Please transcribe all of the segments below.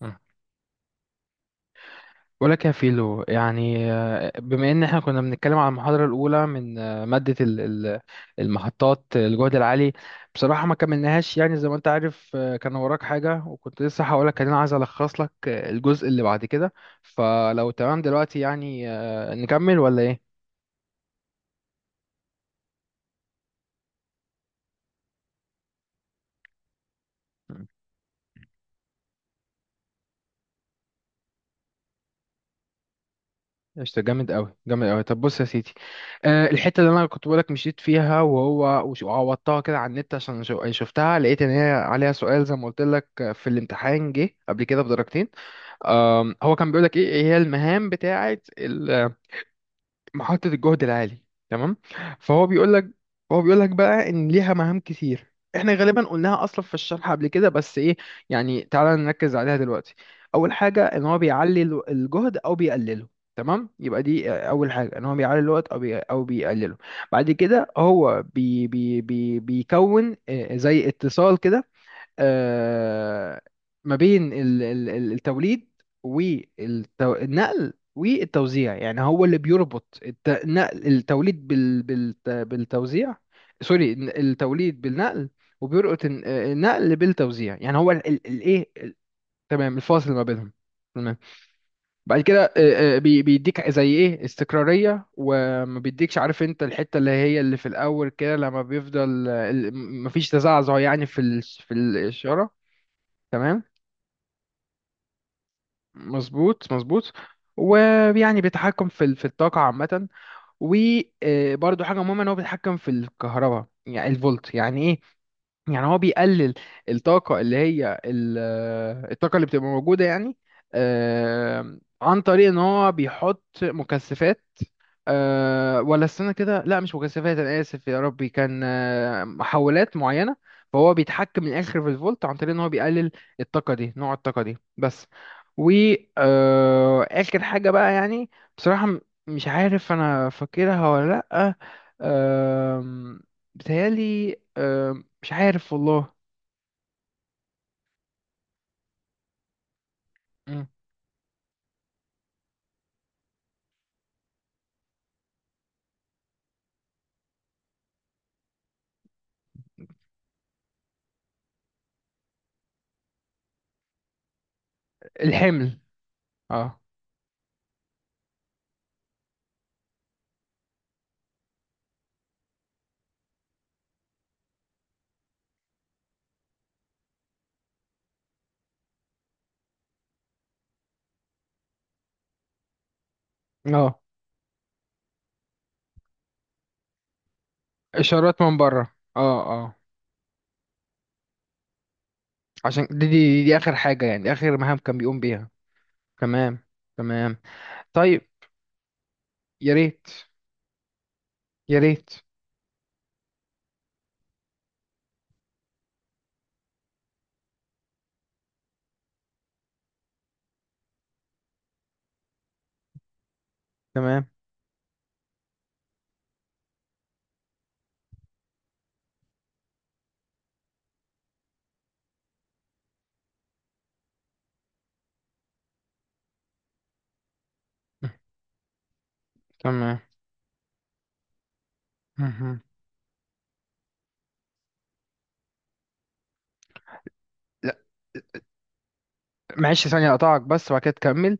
مم. بقول لك يا فيلو بما ان احنا كنا بنتكلم على المحاضرة الأولى من مادة المحطات الجهد العالي. بصراحة ما كملناهاش يعني زي ما انت عارف، كان وراك حاجة وكنت لسه هقول لك انا عايز الخص لك، الجزء اللي بعد كده. فلو تمام دلوقتي نكمل ولا ايه؟ قشطة، جامد أوي جامد أوي. طب بص يا سيدي، أه الحتة اللي أنا كنت بقولك مشيت فيها وهو وعوضتها كده على النت عشان يعني شفتها، لقيت إن هي عليها سؤال زي ما قلت لك في الامتحان، جه قبل كده بدرجتين. هو كان بيقولك إيه هي المهام بتاعة محطة الجهد العالي. تمام. فهو بيقول لك، هو بيقول لك بقى ان ليها مهام كتير، احنا غالبا قلناها اصلا في الشرح قبل كده، بس ايه يعني، تعالى نركز عليها دلوقتي. اول حاجة ان هو بيعلي الجهد او بيقلله. تمام، يبقى دي اول حاجة ان هو بيعلي الوقت او بي او بيقلله. بعد كده هو بي بي بي بيكون زي اتصال كده. آه، ما بين التوليد والنقل والتوزيع، يعني هو اللي بيربط النقل التوليد بالتوزيع. سوري، التوليد بالنقل، وبيربط النقل بالتوزيع، يعني هو الايه. تمام، الفاصل ما بينهم. تمام. بعد كده بيديك زي ايه استقرارية، وما بيديكش، عارف انت الحتة اللي هي اللي في الاول كده، لما بيفضل مفيش تزعزع يعني في في الاشارة. تمام، مظبوط مظبوط. ويعني بيتحكم في في الطاقة عامة. وبرده حاجة مهمة ان هو بيتحكم في الكهرباء يعني الفولت، يعني ايه؟ يعني هو بيقلل الطاقة اللي هي الطاقة اللي بتبقى موجودة يعني، عن طريق ان هو بيحط مكثفات. أه، ولا استنى كده، لا مش مكثفات، انا اسف، يا ربي كان محولات معينه. فهو بيتحكم من الاخر في الفولت عن طريق ان هو بيقلل الطاقه دي، نوع الطاقه دي بس. و اخر حاجه بقى يعني، بصراحه مش عارف انا فاكرها ولا لا. أه، بتهيالي أه مش عارف والله. مم. الحمل. اه. اه. اشارات من بره، اه. اه. عشان دي, دي اخر حاجه يعني، اخر مهام كان بيقوم بيها. تمام. تمام. طيب، يا ريت، يا ريت. تمام. تمام. مهم. معلش ثانية أقطعك بس وبعد كده تكمل.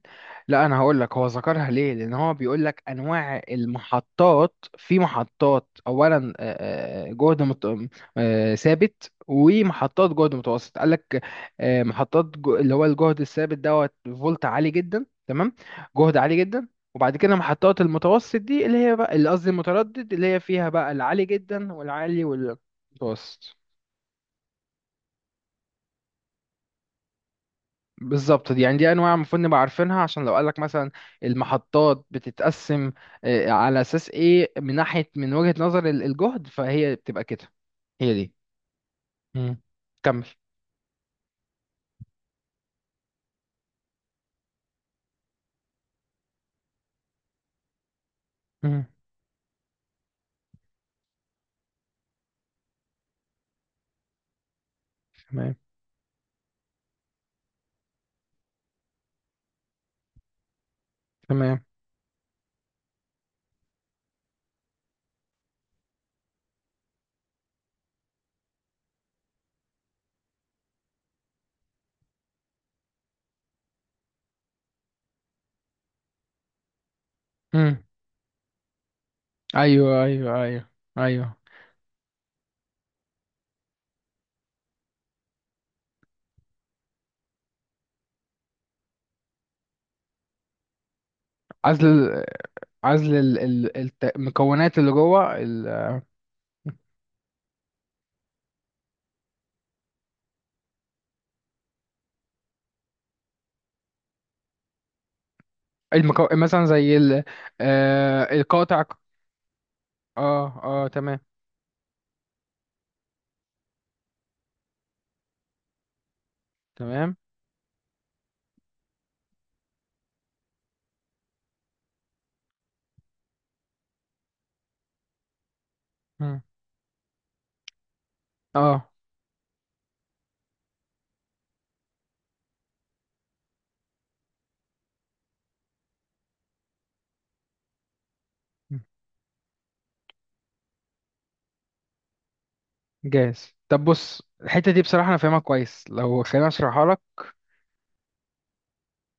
لا أنا هقول لك هو ذكرها ليه، لأن هو بيقول لك أنواع المحطات، في محطات أولا جهد مت... ثابت، ومحطات جهد متوسط، قال لك محطات جو... اللي هو الجهد الثابت دوت فولت عالي جدا. تمام، جهد عالي جدا. وبعد كده محطات المتوسط دي، اللي هي بقى اللي قصدي المتردد، اللي هي فيها بقى العالي جدا والعالي والمتوسط. بالظبط، دي يعني دي انواع المفروض نبقى عارفينها، عشان لو قالك مثلا المحطات بتتقسم على اساس ايه، من ناحية من وجهة نظر الجهد، فهي بتبقى كده. هي دي. مم. كمل. مم. تمام. تمام. مم. ايوه، ايوه، ايوه، ايوه. عزل عزل المكونات اللي جوه المكو... مثلا زي ال... آه القاطع. اه، اه، تمام. تمام. مم. اه. جاهز. طب بص الحتة دي بصراحة أنا فاهمها كويس، لو خليني أشرحها.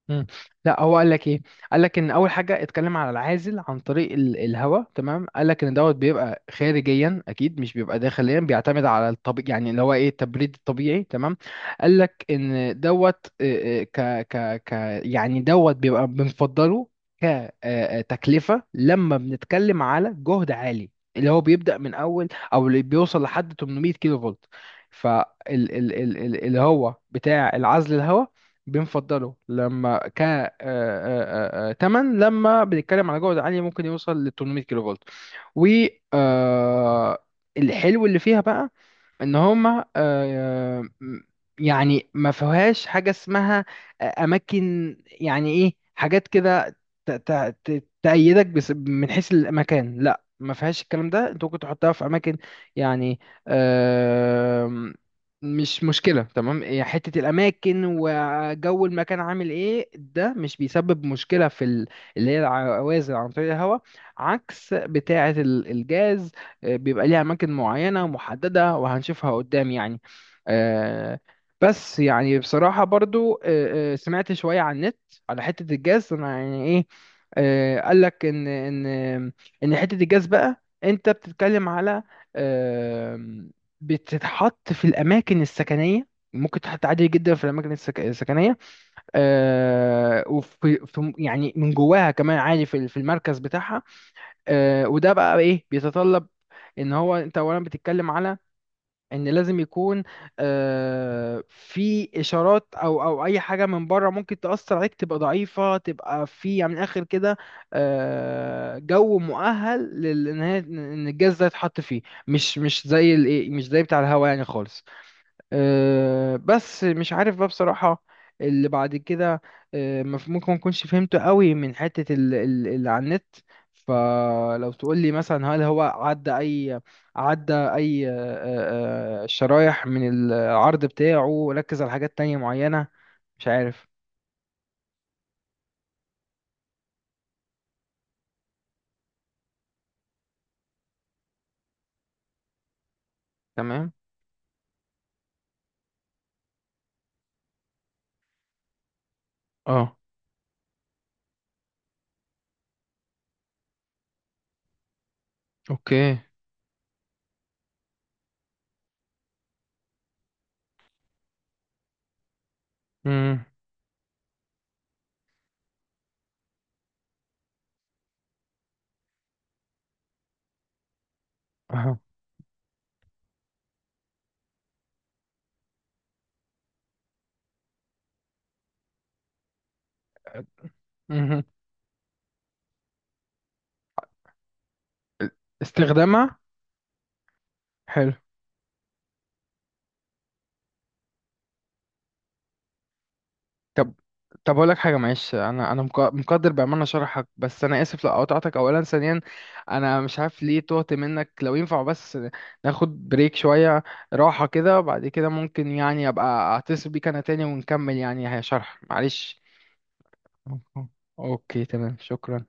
مم. لا هو قال لك ايه، قال لك ان اول حاجه اتكلم على العازل عن طريق الهواء. تمام، قال لك ان دوت بيبقى خارجيا اكيد مش بيبقى داخليا، بيعتمد على الطبيعي يعني اللي هو ايه، التبريد الطبيعي. تمام، قال لك ان دوت آه، آه، ك ك ك يعني دوت بيبقى بنفضله كتكلفه لما بنتكلم على جهد عالي، اللي هو بيبدا من اول او اللي بيوصل لحد 800 كيلو فولت. فال ال اللي هو بتاع العزل الهواء بنفضله لما ك آه، آه، آه، آه، تمن لما بنتكلم على جودة عالية، ممكن يوصل ل 800 كيلو فولت. والحلو اللي فيها بقى ان هما يعني ما فيهاش حاجه اسمها اماكن يعني ايه حاجات كده تأيدك، بس من حيث المكان لا ما فيهاش الكلام ده، انت ممكن تحطها في اماكن يعني، آم، مش مشكله. تمام، هي حته الاماكن وجو المكان عامل ايه ده مش بيسبب مشكله في اللي هي العوازل عن طريق الهواء. عكس بتاعه الجاز، بيبقى ليها أماكن معينة محددة وهنشوفها قدام يعني. آه، بس يعني بصراحة برضو سمعت شوية عن النت على حتة الجاز أنا يعني إيه. آه، قالك إن حتة الجاز بقى، أنت بتتكلم على آم، بتتحط في الأماكن السكنية، ممكن تتحط عادي جدا في الأماكن السكنية. آه، وفي يعني من جواها كمان عادي في في المركز بتاعها. آه، وده بقى ايه بيتطلب ان هو انت اولا بتتكلم على ان لازم يكون في اشارات او اي حاجه من بره ممكن تاثر عليك، تبقى ضعيفه تبقى في يعني من الاخر كده جو مؤهل ان إن الجهاز ده يتحط فيه. مش مش زي الايه، مش زي بتاع الهوا يعني خالص. أه، بس مش عارف بقى بصراحة اللي بعد كده. أه ممكن ما اكونش فهمته قوي من حتة اللي على النت. فلو تقول لي مثلا هل هو عدى اي، عدى اي أه، أه، أه، شرايح من العرض بتاعه وركز على حاجات تانية معينة، مش عارف. تمام. اه. اوكي. امم. اها. مهم. استخدامها. حلو. طب، طب اقول لك حاجه معلش، انا انا مقدر بامانه شرحك، بس انا اسف لو قطعتك، اولا ثانيا انا مش عارف ليه تهت منك. لو ينفع بس ناخد بريك شويه، راحه كده، وبعد كده ممكن يعني ابقى اتصل بيك انا تاني ونكمل يعني هي شرح، معلش. أوه. اوكي، تمام، شكرا.